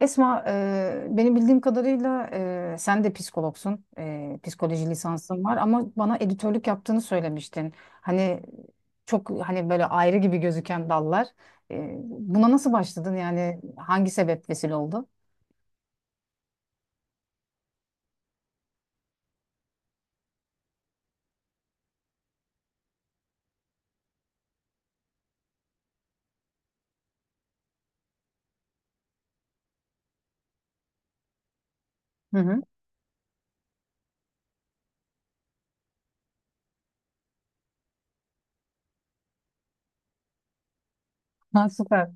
Esma, beni bildiğim kadarıyla sen de psikologsun, psikoloji lisansın var ama bana editörlük yaptığını söylemiştin. Hani çok hani böyle ayrı gibi gözüken dallar. Buna nasıl başladın, yani hangi sebep vesile oldu? Hı hı. Ha, süper.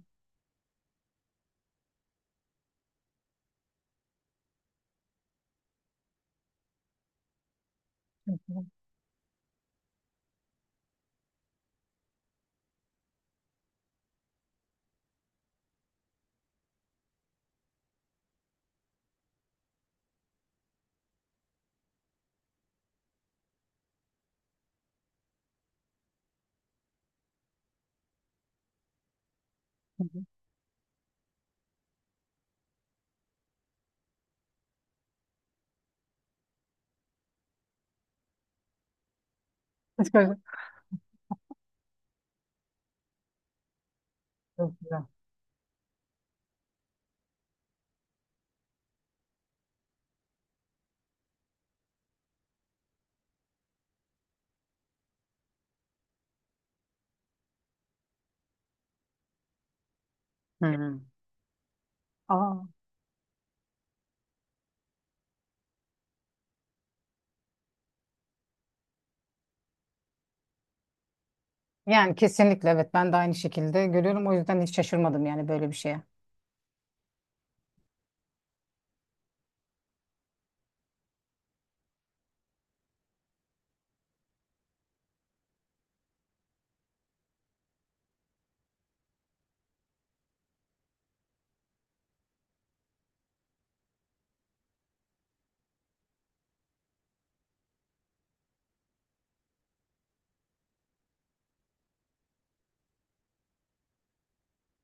Hı hı. Psikoloji. Çok güzel. Hı hı. Aa. Yani kesinlikle evet, ben de aynı şekilde görüyorum. O yüzden hiç şaşırmadım yani böyle bir şeye.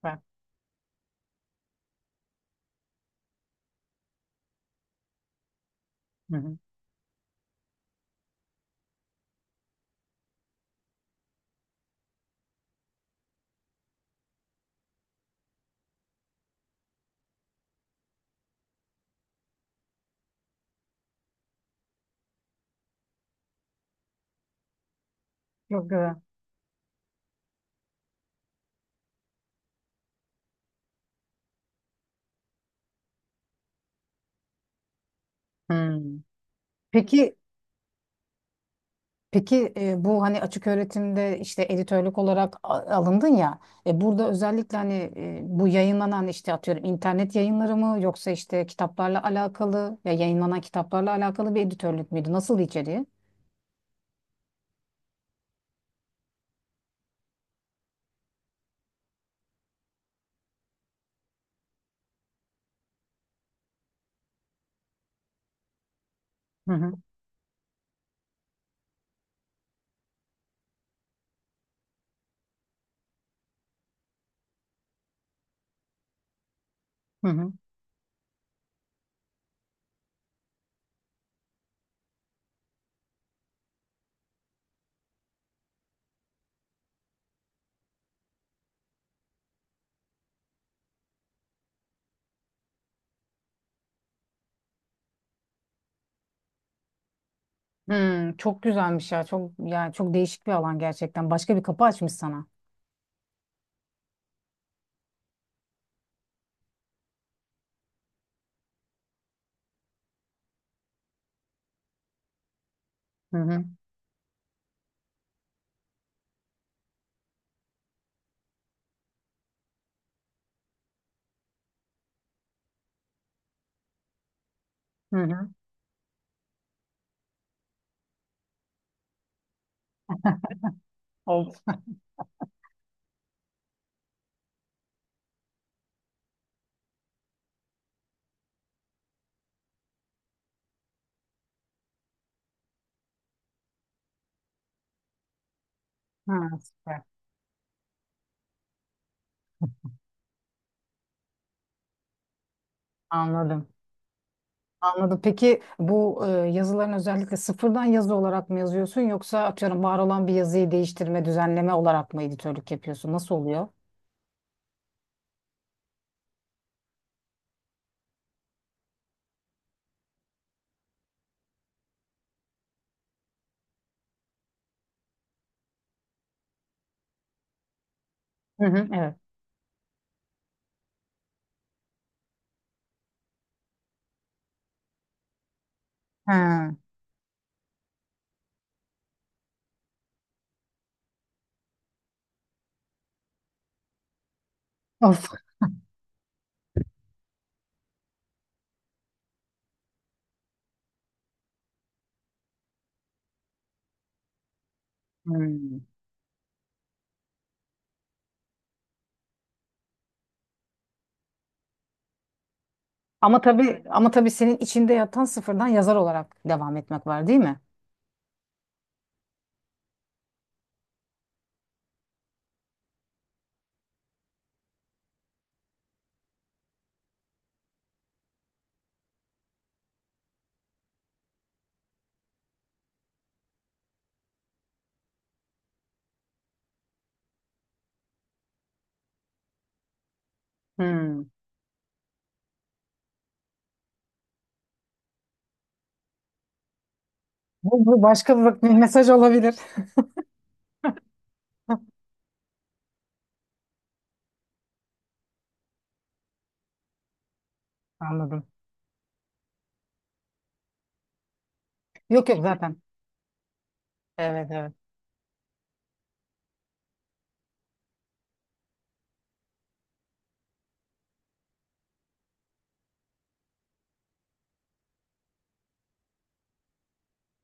Bak. Hı hı. Çok güzel. Hı. Peki Peki bu hani açık öğretimde işte editörlük olarak alındın ya, burada özellikle bu yayınlanan işte atıyorum internet yayınları mı, yoksa işte kitaplarla alakalı, ya yayınlanan kitaplarla alakalı bir editörlük müydü? Nasıl içeriği? Hı hı. Hı hı. Hmm, çok güzelmiş ya. Çok yani çok değişik bir alan gerçekten. Başka bir kapı açmış sana. Hı hı. Hı hı. Oldu. Ha, süper. Anladım. Anladım. Peki bu yazıların özellikle sıfırdan yazı olarak mı yazıyorsun, yoksa atıyorum var olan bir yazıyı değiştirme, düzenleme olarak mı editörlük yapıyorsun? Nasıl oluyor? Hı hı, evet. Ha. Of. Hmm. Ama tabii, ama tabii senin içinde yatan sıfırdan yazar olarak devam etmek var, değil mi? Hmm. Bu, bu başka bir bir mesaj olabilir. Anladım. Yok yok zaten. Evet evet.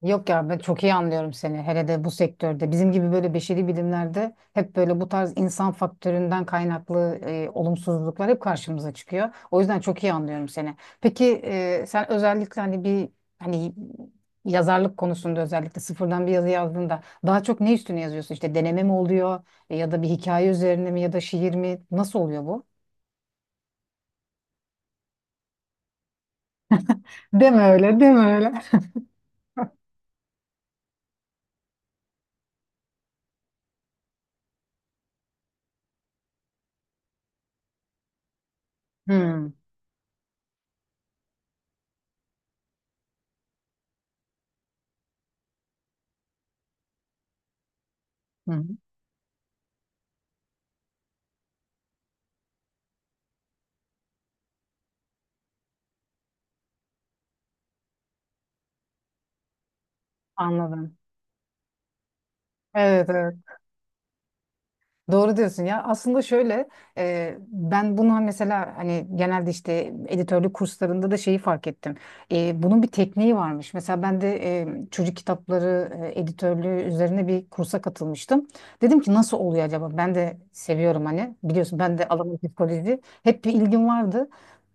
Yok ya, ben çok iyi anlıyorum seni. Hele de bu sektörde. Bizim gibi böyle beşeri bilimlerde hep böyle bu tarz insan faktöründen kaynaklı olumsuzluklar hep karşımıza çıkıyor. O yüzden çok iyi anlıyorum seni. Peki sen özellikle hani bir hani yazarlık konusunda özellikle sıfırdan bir yazı yazdığında daha çok ne üstüne yazıyorsun? İşte deneme mi oluyor, ya da bir hikaye üzerine mi, ya da şiir mi? Nasıl oluyor bu? Deme öyle, deme öyle. Hmm, hı hı, anladım. Evet evet. Doğru diyorsun ya. Aslında şöyle, ben bunu hani, mesela hani genelde işte editörlük kurslarında da şeyi fark ettim. Bunun bir tekniği varmış. Mesela ben de çocuk kitapları editörlüğü üzerine bir kursa katılmıştım. Dedim ki nasıl oluyor acaba? Ben de seviyorum hani. Biliyorsun, ben de alanım psikoloji. Hep bir ilgim vardı.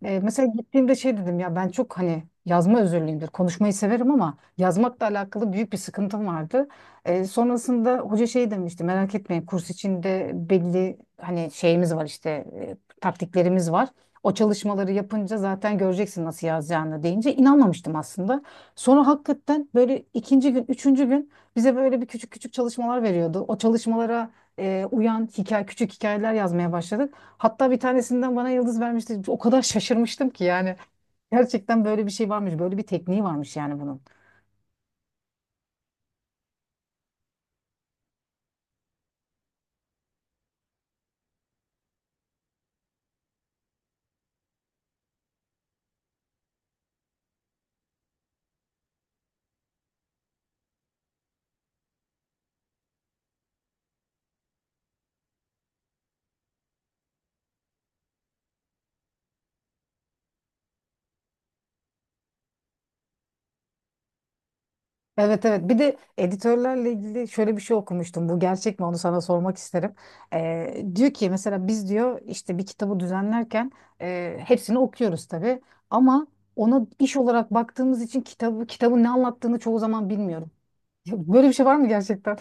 Mesela gittiğimde şey dedim ya, ben çok hani yazma özürlüyümdür. Konuşmayı severim ama yazmakla alakalı büyük bir sıkıntım vardı. Sonrasında hoca şey demişti, merak etmeyin, kurs içinde belli hani şeyimiz var, işte taktiklerimiz var. O çalışmaları yapınca zaten göreceksin nasıl yazacağını, deyince inanmamıştım aslında. Sonra hakikaten böyle ikinci gün, üçüncü gün bize böyle bir küçük çalışmalar veriyordu. O çalışmalara uyan hikaye, küçük hikayeler yazmaya başladık. Hatta bir tanesinden bana yıldız vermişti. O kadar şaşırmıştım ki, yani gerçekten böyle bir şey varmış, böyle bir tekniği varmış yani bunun. Evet evet, bir de editörlerle ilgili şöyle bir şey okumuştum, bu gerçek mi onu sana sormak isterim. Diyor ki mesela, biz diyor işte bir kitabı düzenlerken hepsini okuyoruz tabii, ama ona iş olarak baktığımız için kitabı, kitabın ne anlattığını çoğu zaman bilmiyorum. Ya böyle bir şey var mı gerçekten?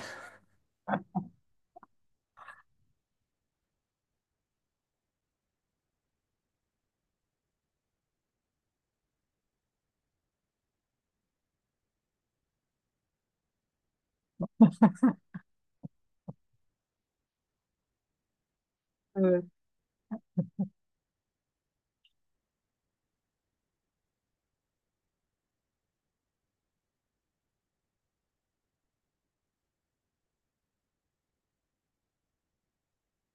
Evet.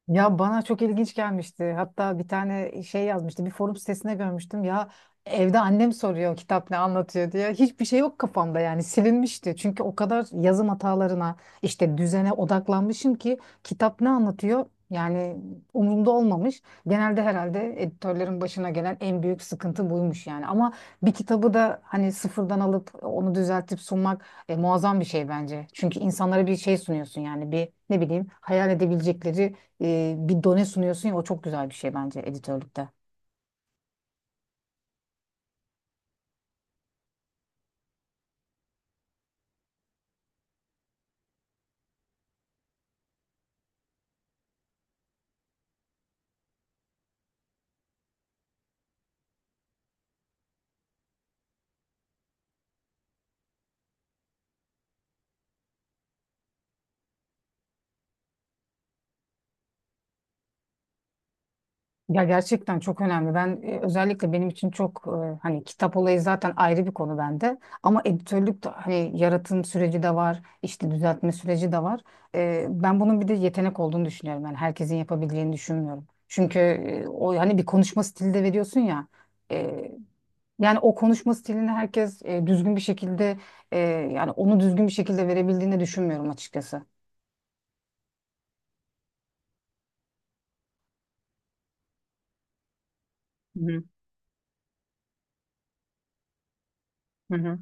Ya bana çok ilginç gelmişti. Hatta bir tane şey yazmıştı. Bir forum sitesinde görmüştüm. Ya evde annem soruyor, kitap ne anlatıyor diye. Hiçbir şey yok kafamda, yani silinmişti. Çünkü o kadar yazım hatalarına, işte düzene odaklanmışım ki kitap ne anlatıyor yani umurumda olmamış. Genelde herhalde editörlerin başına gelen en büyük sıkıntı buymuş yani. Ama bir kitabı da hani sıfırdan alıp onu düzeltip sunmak muazzam bir şey bence. Çünkü insanlara bir şey sunuyorsun, yani bir, ne bileyim, hayal edebilecekleri bir done sunuyorsun ya, o çok güzel bir şey bence editörlükte. Ya gerçekten çok önemli. Ben özellikle benim için çok hani kitap olayı zaten ayrı bir konu bende. Ama editörlük de hani, yaratım süreci de var, işte düzeltme süreci de var. Ben bunun bir de yetenek olduğunu düşünüyorum. Yani herkesin yapabileceğini düşünmüyorum. Çünkü o hani bir konuşma stili de veriyorsun ya. e, Yani o konuşma stilini herkes düzgün bir şekilde, e, yani onu düzgün bir şekilde verebildiğini düşünmüyorum açıkçası. Hı hı. Hı hı.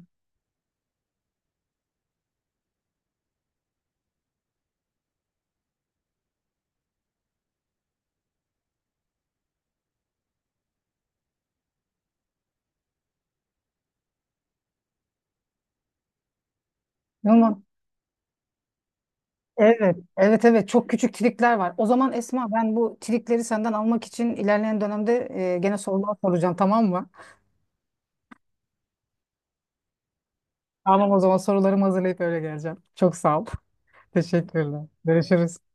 Ama evet, evet, evet. Çok küçük trikler var. O zaman Esma, ben bu trikleri senden almak için ilerleyen dönemde gene sorular soracağım, tamam mı? Tamam, o zaman sorularımı hazırlayıp öyle geleceğim. Çok sağ ol. Teşekkürler. Görüşürüz.